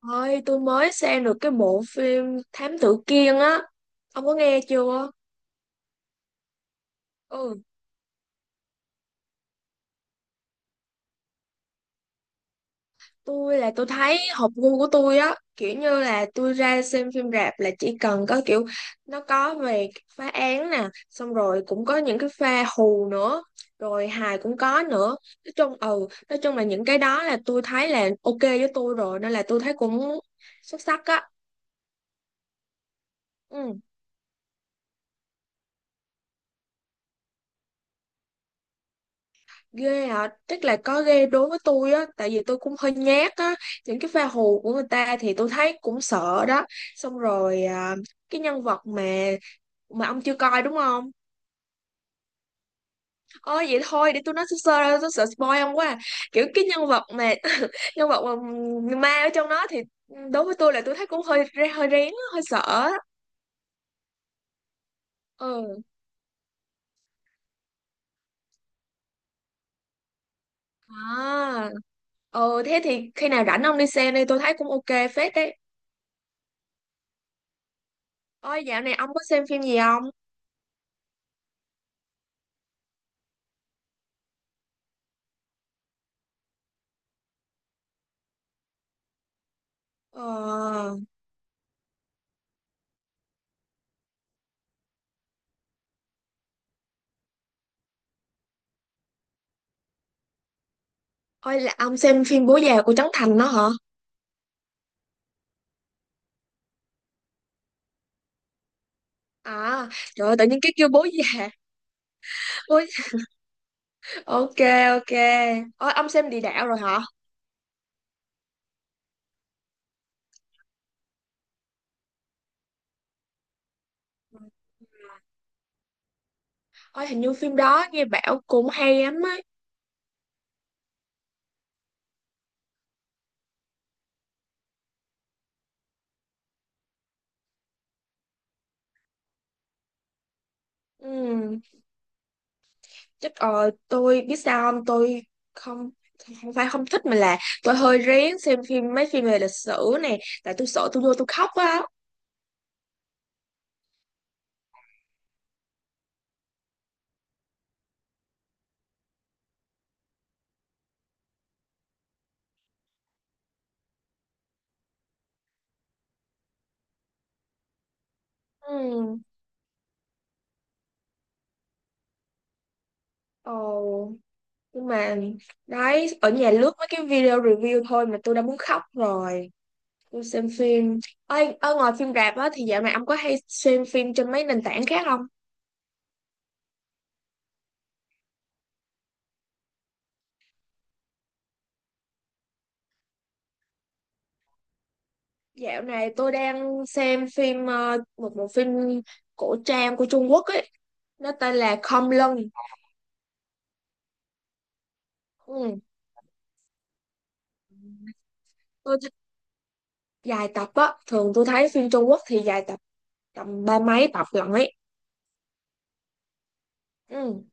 Ơi, tôi mới xem được cái bộ phim Thám Tử Kiên á. Ông có nghe chưa? Ừ, tôi thấy hợp gu của tôi á. Kiểu như là tôi ra xem phim rạp là chỉ cần có kiểu nó có về phá án nè. Xong rồi cũng có những cái pha hù nữa. Rồi hài cũng có nữa. Nói chung, nói chung là những cái đó là tôi thấy là ok với tôi rồi. Nên là tôi thấy cũng xuất sắc á. Ừ. Ghê hả? Tức là có ghê đối với tôi á, tại vì tôi cũng hơi nhát á. Những cái pha hù của người ta thì tôi thấy cũng sợ đó. Xong rồi cái nhân vật mà ông chưa coi đúng không? Ôi vậy thôi, để tôi nói sơ sơ ra tôi sợ spoil ông quá à. Kiểu cái nhân vật mà nhân vật mà người ma ở trong đó thì đối với tôi là tôi thấy cũng hơi hơi rén á, hơi sợ á. Ừ. À. Ừ, thế thì khi nào rảnh ông đi xem đi, tôi thấy cũng ok phết đấy. Ôi dạo này ông có xem phim gì không? ờ Ôi là ông xem phim Bố già của Trấn Thành đó hả? À, trời ơi, tự nhiên cái kêu bố già. Bố... Ok, ok. Ôi, ông xem Địa Đạo rồi hả? Ôi, hình như phim đó nghe bảo cũng hay lắm á. Ừ, chắc tôi biết sao không? Tôi không, không phải không thích mà là tôi hơi rén xem phim mấy phim về lịch sử này, tại tôi sợ tôi vô tôi khóc á. Ừ. Ồ. Nhưng mà đấy, ở nhà lướt mấy cái video review thôi mà tôi đã muốn khóc rồi. Tôi xem phim. Ôi, ở ngoài phim rạp á thì dạo này ông có hay xem phim trên mấy nền tảng khác không? Dạo này tôi đang xem phim một bộ phim cổ trang của Trung Quốc ấy, nó tên là Khom Lưng. Ừ. Tôi thích dài tập á, thường tôi thấy phim Trung Quốc thì dài tập tầm ba mấy tập lận ấy. Ừ.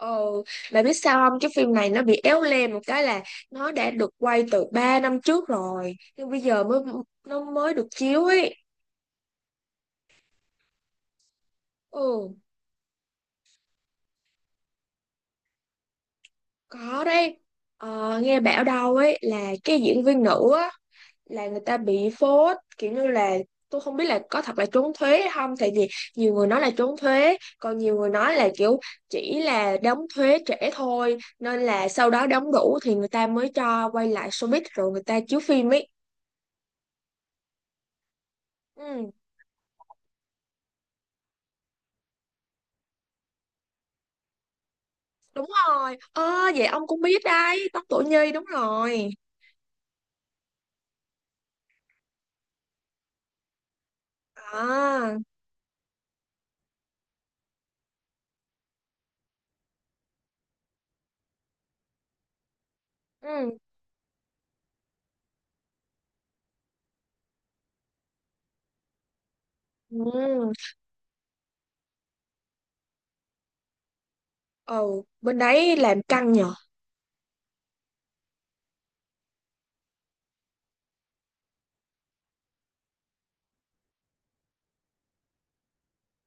Ờ, bà biết sao không? Cái phim này nó bị éo le một cái là nó đã được quay từ 3 năm trước rồi, nhưng bây giờ mới nó mới được chiếu ấy. Ừ. Có đấy. Ờ, nghe bảo đâu ấy là cái diễn viên nữ á là người ta bị phốt kiểu như là tôi không biết là có thật là trốn thuế hay không, tại vì nhiều người nói là trốn thuế, còn nhiều người nói là kiểu chỉ là đóng thuế trễ thôi, nên là sau đó đóng đủ thì người ta mới cho quay lại showbiz rồi người ta chiếu phim ấy. Ừ. Đúng rồi, ơ vậy ông cũng biết đấy, Tóc Tổ Nhi đúng rồi. À. ừ ừ. Ừ, bên đấy làm căng nhở.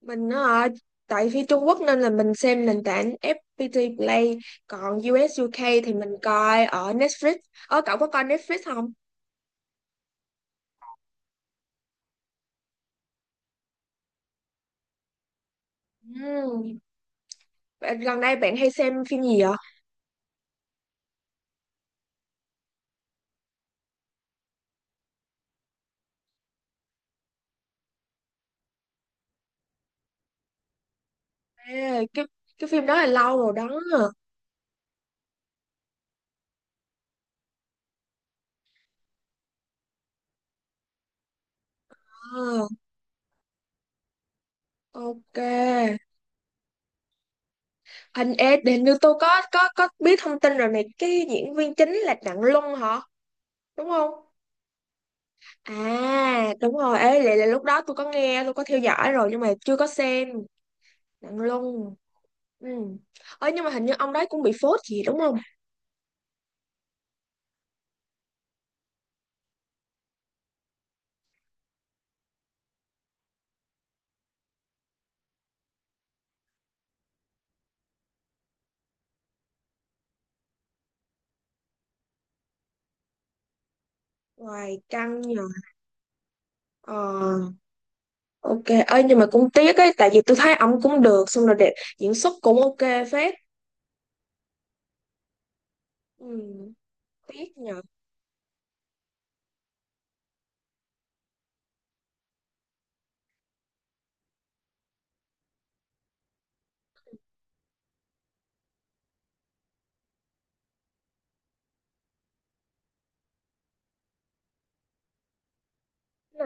Mình nó, tại phía Trung Quốc nên là mình xem nền tảng FPT Play, còn US UK thì mình coi ở Netflix. Ờ cậu có coi Netflix không? Ừm, gần đây bạn hay xem phim gì vậy? Ê, cái phim đó là lâu rồi đó. Ờ, ok. Hình ê, hình như tôi có biết thông tin rồi này, cái diễn viên chính là Đặng Luân hả, đúng không? À đúng rồi, ê lại là lúc đó tôi có nghe tôi có theo dõi rồi nhưng mà chưa có xem. Đặng Luân. Ừ. Ơi nhưng mà hình như ông đấy cũng bị phốt gì đúng không? Hoài căng nhờ. Ờ, ok. Ơi nhưng mà cũng tiếc ấy, tại vì tôi thấy ông cũng được, xong rồi đẹp, diễn xuất cũng ok phết. Ừ. Tiếc nhờ.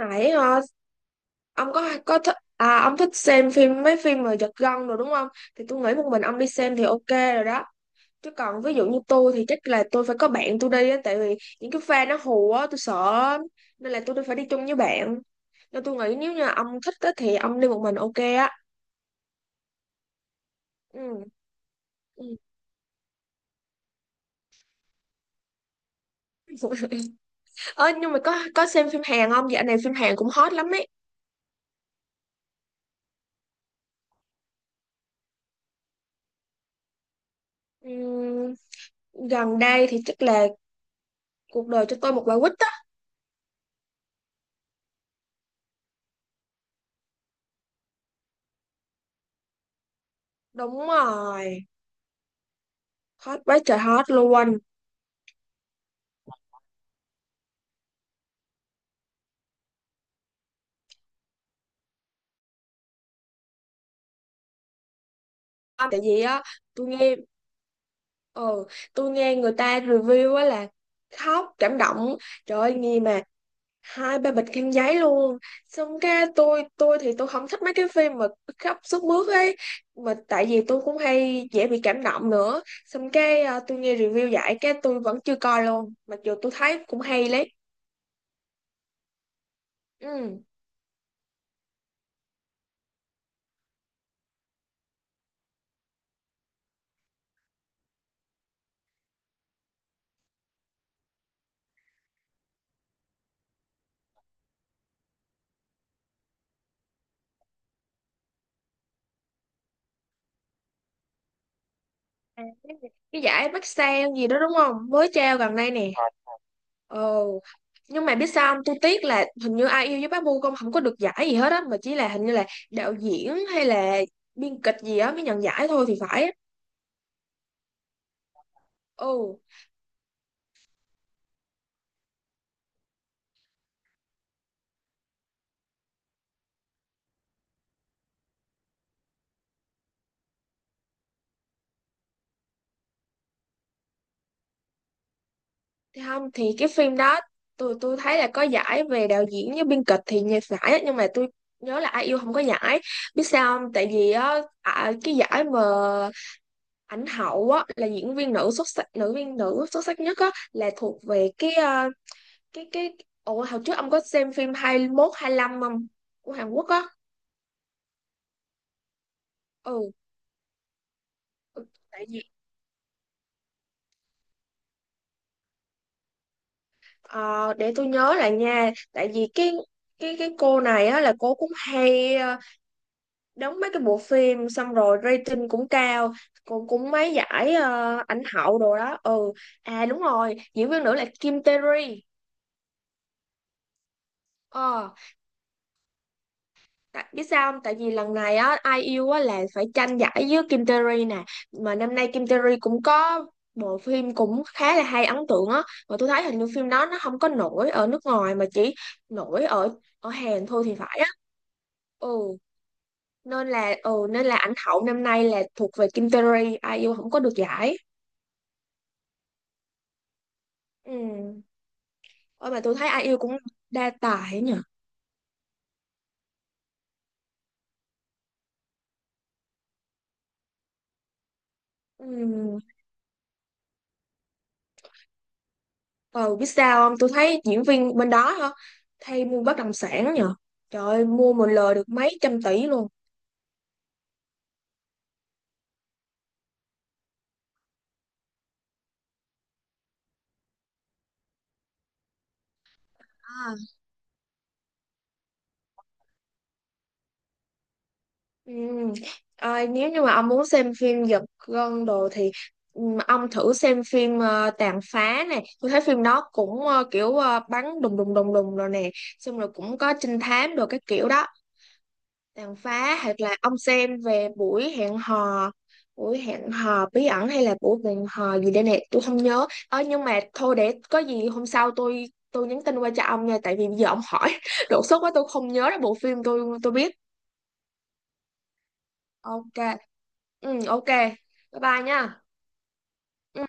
Nãy ông có thích à, ông thích xem phim mấy phim mà giật gân rồi đúng không, thì tôi nghĩ một mình ông đi xem thì ok rồi đó. Chứ còn ví dụ như tôi thì chắc là tôi phải có bạn tôi đi á, tại vì những cái pha nó hù á, tôi sợ lắm. Nên là tôi phải đi chung với bạn. Nên tôi nghĩ nếu như ông thích á, thì ông đi một mình ok á. Ừ. Ừ. Ơ nhưng mà có xem phim Hàn không? Dạo này phim Hàn cũng hot lắm ấy. Ừm, gần đây thì chắc là cuộc đời cho tôi một quả quýt á. Đúng rồi. Hot quá trời hot luôn. À, tại vì á, tôi nghe, ừ, tôi nghe người ta review á là khóc cảm động. Trời ơi nghe mà hai ba bịch khăn giấy luôn. Xong cái tôi thì tôi không thích mấy cái phim mà khóc sướt mướt ấy, mà tại vì tôi cũng hay dễ bị cảm động nữa, xong cái tôi nghe review giải cái tôi vẫn chưa coi luôn, mặc dù tôi thấy cũng hay lấy. Ừ. À, cái giải Bắc Sang gì đó đúng không, mới trao gần đây nè. Ồ, nhưng mà biết sao không, tôi tiếc là hình như Ai yêu với Bá Bô không, không có được giải gì hết á, mà chỉ là hình như là đạo diễn hay là biên kịch gì á mới nhận giải thôi thì phải á. Ừ. Thì không, thì cái phim đó tôi thấy là có giải về đạo diễn với biên kịch thì nhiều giải á, nhưng mà tôi nhớ là ai yêu không có giải. Biết sao không, tại vì á, cái giải mà ảnh hậu á là diễn viên nữ xuất sắc, nữ viên nữ xuất sắc nhất á là thuộc về cái cái ủa hồi trước ông có xem phim 21 lăm không, của Hàn Quốc á? Ừ. Ừ, tại vì ờ, để tôi nhớ lại nha, tại vì cái cô này á là cô cũng hay đóng mấy cái bộ phim xong rồi rating cũng cao, cũng cũng mấy giải ảnh hậu đồ đó. Ừ. À đúng rồi, diễn viên nữ là Kim Tae Ri. Ờ, tại, biết sao không, tại vì lần này á ai yêu á là phải tranh giải với Kim Tae Ri nè, mà năm nay Kim Tae Ri cũng có bộ phim cũng khá là hay, ấn tượng á, mà tôi thấy hình như phim đó nó không có nổi ở nước ngoài mà chỉ nổi ở ở Hàn thôi thì phải á. Ừ. Nên là nên là ảnh hậu năm nay là thuộc về Kim Terry, ai yêu không có được giải. Ừ. Ôi mà tôi thấy ai yêu cũng đa tài nhỉ. Ừ. Ờ biết sao không? Tôi thấy diễn viên bên đó hả? Thay mua bất động sản nhỉ. Trời ơi, mua một lời được mấy trăm tỷ luôn. À. Ừ. À, nếu như mà ông muốn xem phim giật gân đồ thì ừ, ông thử xem phim Tàn Phá này. Tôi thấy phim đó cũng kiểu bắn đùng đùng đùng đùng rồi nè. Xong rồi cũng có trinh thám đồ cái kiểu đó. Tàn phá, hoặc là ông xem về buổi hẹn hò, buổi hẹn hò bí ẩn, hay là buổi hẹn hò gì đây nè, tôi không nhớ. Ơ nhưng mà thôi, để có gì hôm sau tôi nhắn tin qua cho ông nha, tại vì bây giờ ông hỏi đột xuất quá tôi không nhớ ra bộ phim tôi biết. Ok. Ừ, ok. Bye bye nha. Ừ.